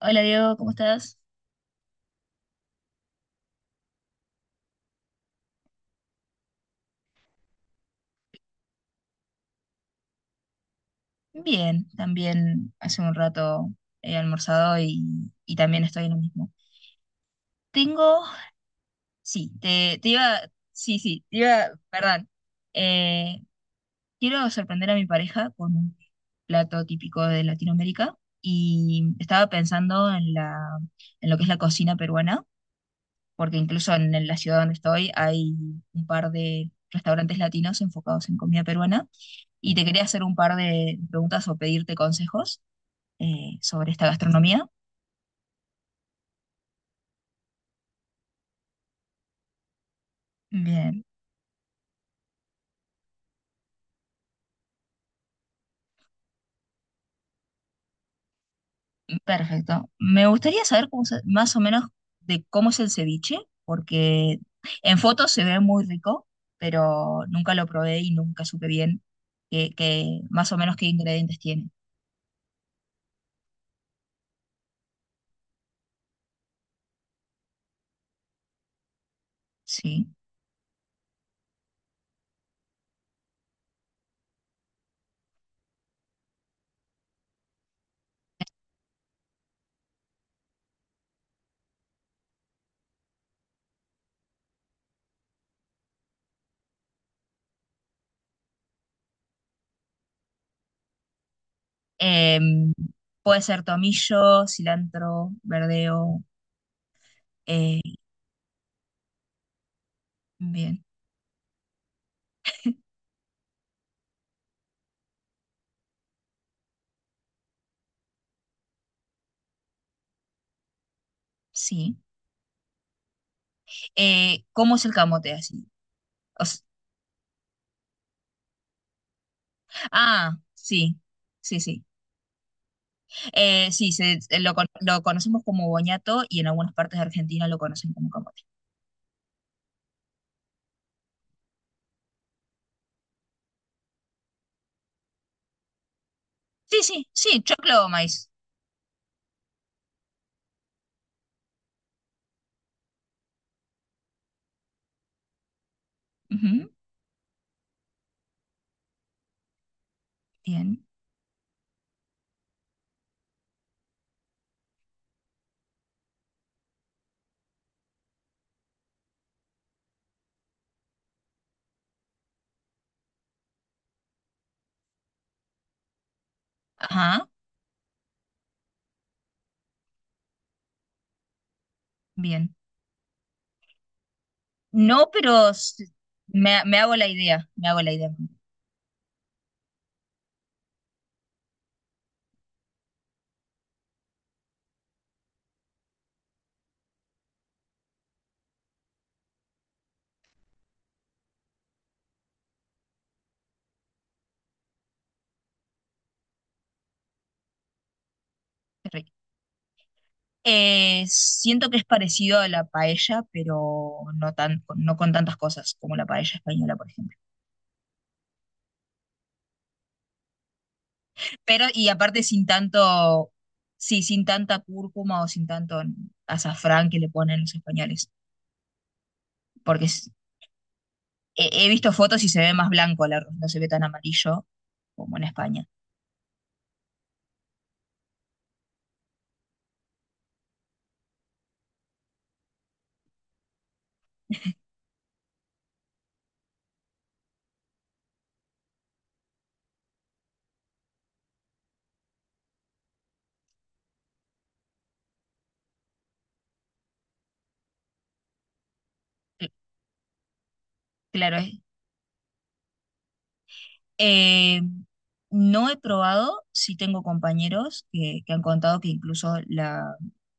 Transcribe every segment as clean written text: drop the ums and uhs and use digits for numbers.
Hola Diego, ¿cómo estás? Bien, también hace un rato he almorzado y también estoy en lo mismo. Tengo, sí, te iba, sí, sí, te iba, perdón. Eh, Quiero sorprender a mi pareja con un plato típico de Latinoamérica y estaba pensando en en lo que es la cocina peruana, porque incluso en la ciudad donde estoy hay un par de restaurantes latinos enfocados en comida peruana y te quería hacer un par de preguntas o pedirte consejos sobre esta gastronomía. Bien, perfecto. Me gustaría saber más o menos de cómo es el ceviche, porque en fotos se ve muy rico, pero nunca lo probé y nunca supe bien más o menos qué ingredientes tiene. Sí. Em, Puede ser tomillo, cilantro, verdeo. eh, Bien, sí. ¿Cómo es el camote así? O s- ah, sí, sí, sí. Sí, lo conocemos como boñato y en algunas partes de Argentina lo conocen como camote. Sí, sí, sí, choclo o maíz. Ujú, bien. Ajá, bien. No, pero me hago la idea, me hago la idea. Qué rico. Siento que es parecido a la paella, pero no tan, no con tantas cosas como la paella española, por ejemplo. Pero, y aparte sin tanto, sí, sin tanta cúrcuma o sin tanto azafrán que le ponen los españoles, porque es- he visto fotos y se ve más blanco el arroz, no se ve tan amarillo como en España. Cl- Claro, es. eh, no he probado, sí tengo compañeros que han contado que incluso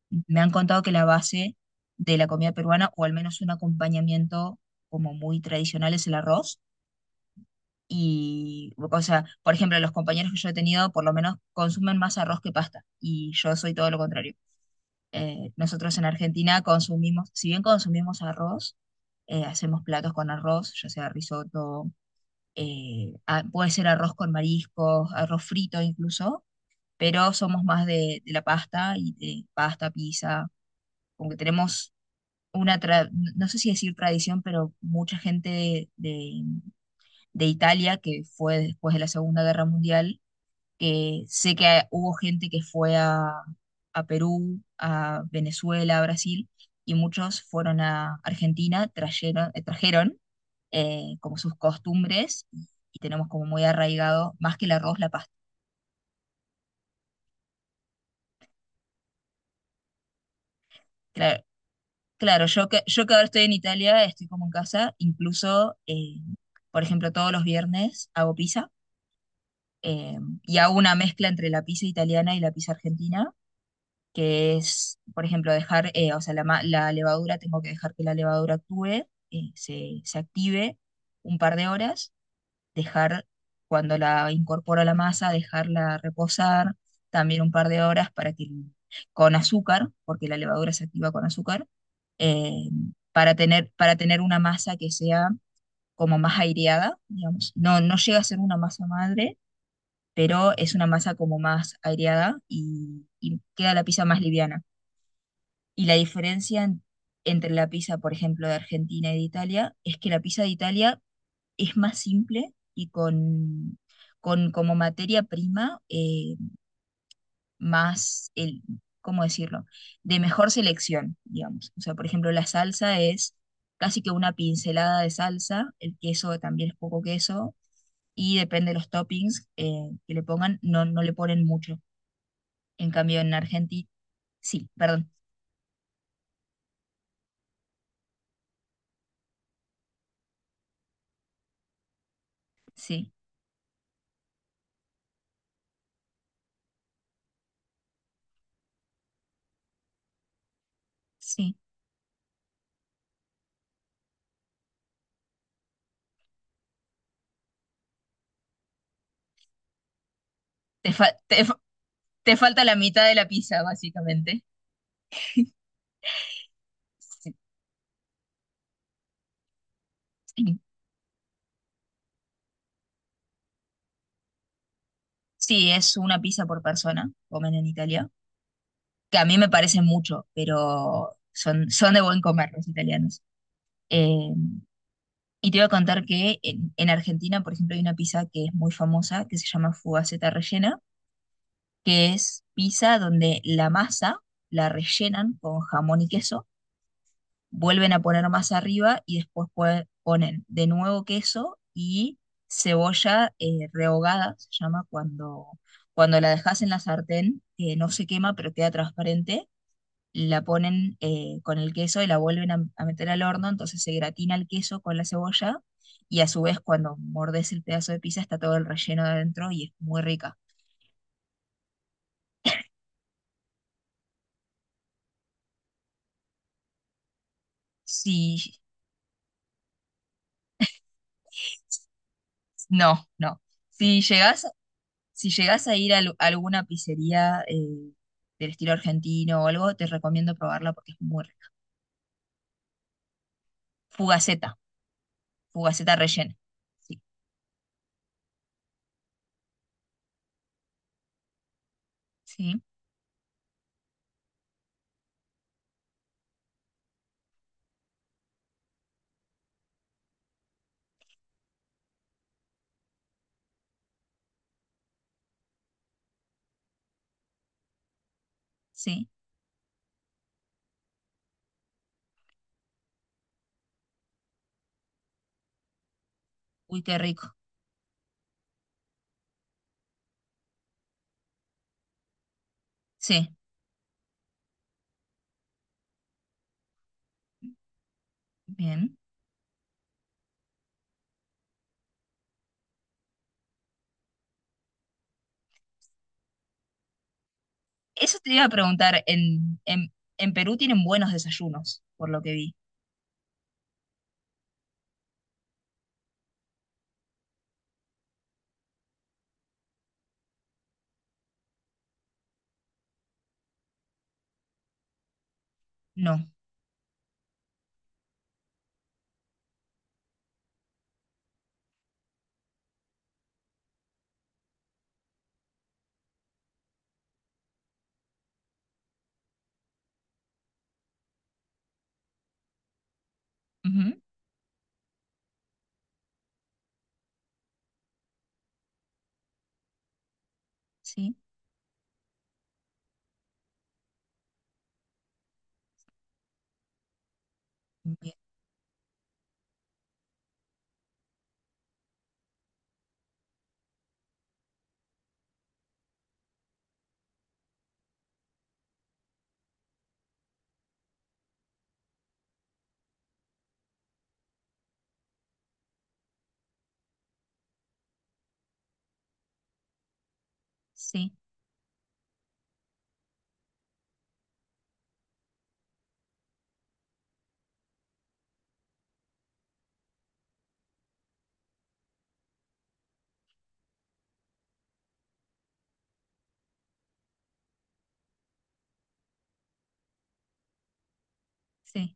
me han contado que la base de la comida peruana, o al menos un acompañamiento como muy tradicional, es el arroz. Y, o sea, por ejemplo, los compañeros que yo he tenido, por lo menos consumen más arroz que pasta, y yo soy todo lo contrario. Nosotros en Argentina consumimos, si bien consumimos arroz, hacemos platos con arroz, ya sea risotto, puede ser arroz con mariscos, arroz frito incluso, pero somos más de la pasta y de pasta, pizza, como que tenemos no sé si decir tradición, pero mucha gente de Italia que fue después de la Segunda Guerra Mundial, que sé que hubo gente que fue a Perú, a Venezuela, a Brasil, y muchos fueron a Argentina, trajeron como sus costumbres, y tenemos como muy arraigado, más que el arroz, la pasta. Claro, claro, yo que ahora estoy en Italia, estoy como en casa, incluso, por ejemplo, todos los viernes hago pizza. eh, y hago una mezcla entre la pizza italiana y la pizza argentina, que es, por ejemplo, dejar, o sea, la levadura, tengo que dejar que la levadura actúe, se active un par de horas, dejar, cuando la incorporo a la masa, dejarla reposar también un par de horas para que, con azúcar, porque la levadura se activa con azúcar, eh, para tener una masa que sea como más aireada, digamos. No, no llega a ser una masa madre, pero es una masa como más aireada y queda la pizza más liviana. Y la diferencia entre la pizza, por ejemplo, de Argentina y de Italia, es que la pizza de Italia es más simple y con como materia prima más, el, ¿cómo decirlo? De mejor selección, digamos. O sea, por ejemplo, la salsa es casi que una pincelada de salsa, el queso también es poco queso, y depende de los toppings que le pongan, no le ponen mucho. En cambio, en Argentina, sí, perdón, sí, sí. Te, fa- te, Te falta la mitad de la pizza, básicamente. Sí, sí, es una pizza por persona, comen en Italia, que a mí me parece mucho, pero son de buen comer los italianos. Eh, y te iba a contar que en, Argentina, por ejemplo, hay una pizza que es muy famosa, que se llama fugaceta rellena, que es pizza donde la masa la rellenan con jamón y queso, vuelven a poner más arriba y después ponen de nuevo queso y cebolla rehogada, se llama cuando, la dejas en la sartén, no se quema pero queda transparente, la ponen con el queso y la vuelven a meter al horno, entonces se gratina el queso con la cebolla y a su vez cuando mordes el pedazo de pizza está todo el relleno de adentro y es muy rica. Sí. No, no. Si llegas Si llegás a ir alguna pizzería del estilo argentino o algo, te recomiendo probarla porque es muy rica. Fugaceta, fugaceta rellena. Sí, sí, sí. Uy, qué rico. Sí, bien. Eso te iba a preguntar, en Perú tienen buenos desayunos, por lo que vi. No. Ujú, sí, bien. Sí, sí.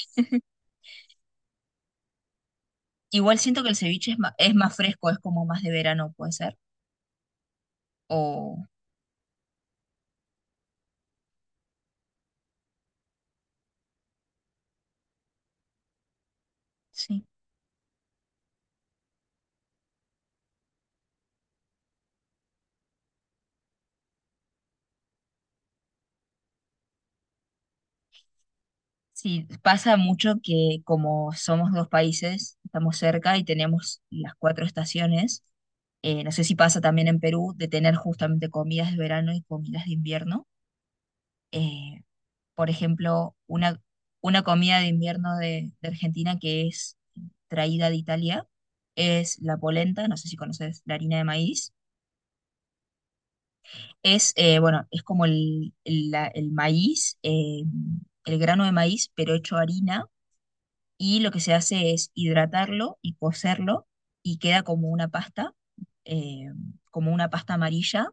Igual siento que el ceviche es más fresco, es como más de verano, puede ser. O sí. Sí, pasa mucho que como somos dos países, estamos cerca y tenemos las cuatro estaciones, no sé si pasa también en Perú de tener justamente comidas de verano y comidas de invierno. Eh, por ejemplo, una comida de invierno de Argentina que es traída de Italia es la polenta, no sé si conoces la harina de maíz. Bueno, es como el maíz, el grano de maíz, pero hecho harina, y lo que se hace es hidratarlo y cocerlo y queda eh, como una pasta amarilla.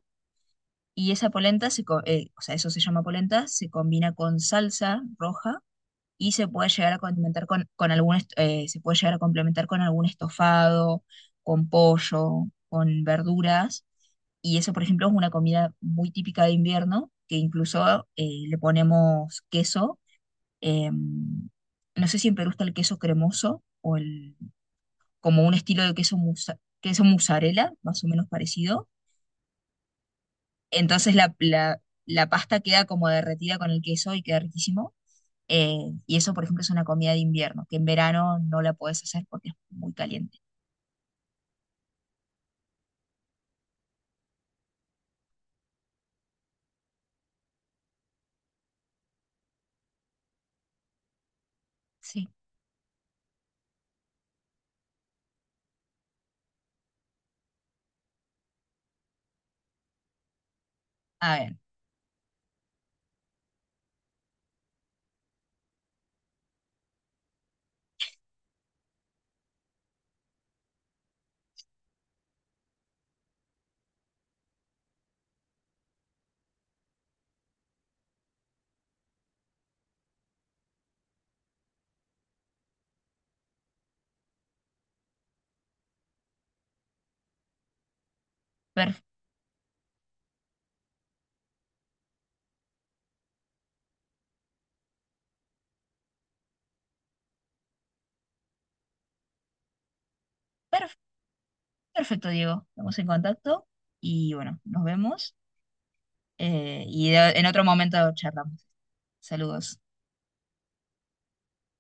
Y esa polenta, o sea, eso se llama polenta, se combina con salsa roja y se puede llegar a condimentar con se puede llegar a complementar con algún estofado, con pollo, con verduras. Y eso, por ejemplo, es una comida muy típica de invierno, que incluso le ponemos queso, no sé si en Perú está el queso cremoso o como un estilo de queso, queso mozzarella, más o menos parecido. Entonces la pasta queda como derretida con el queso y queda riquísimo. Eh, y eso, por ejemplo, es una comida de invierno, que en verano no la puedes hacer porque es muy caliente. Sí, a ver, per- per- perfecto, Diego. Estamos en contacto y bueno, nos vemos en otro momento charlamos. Saludos.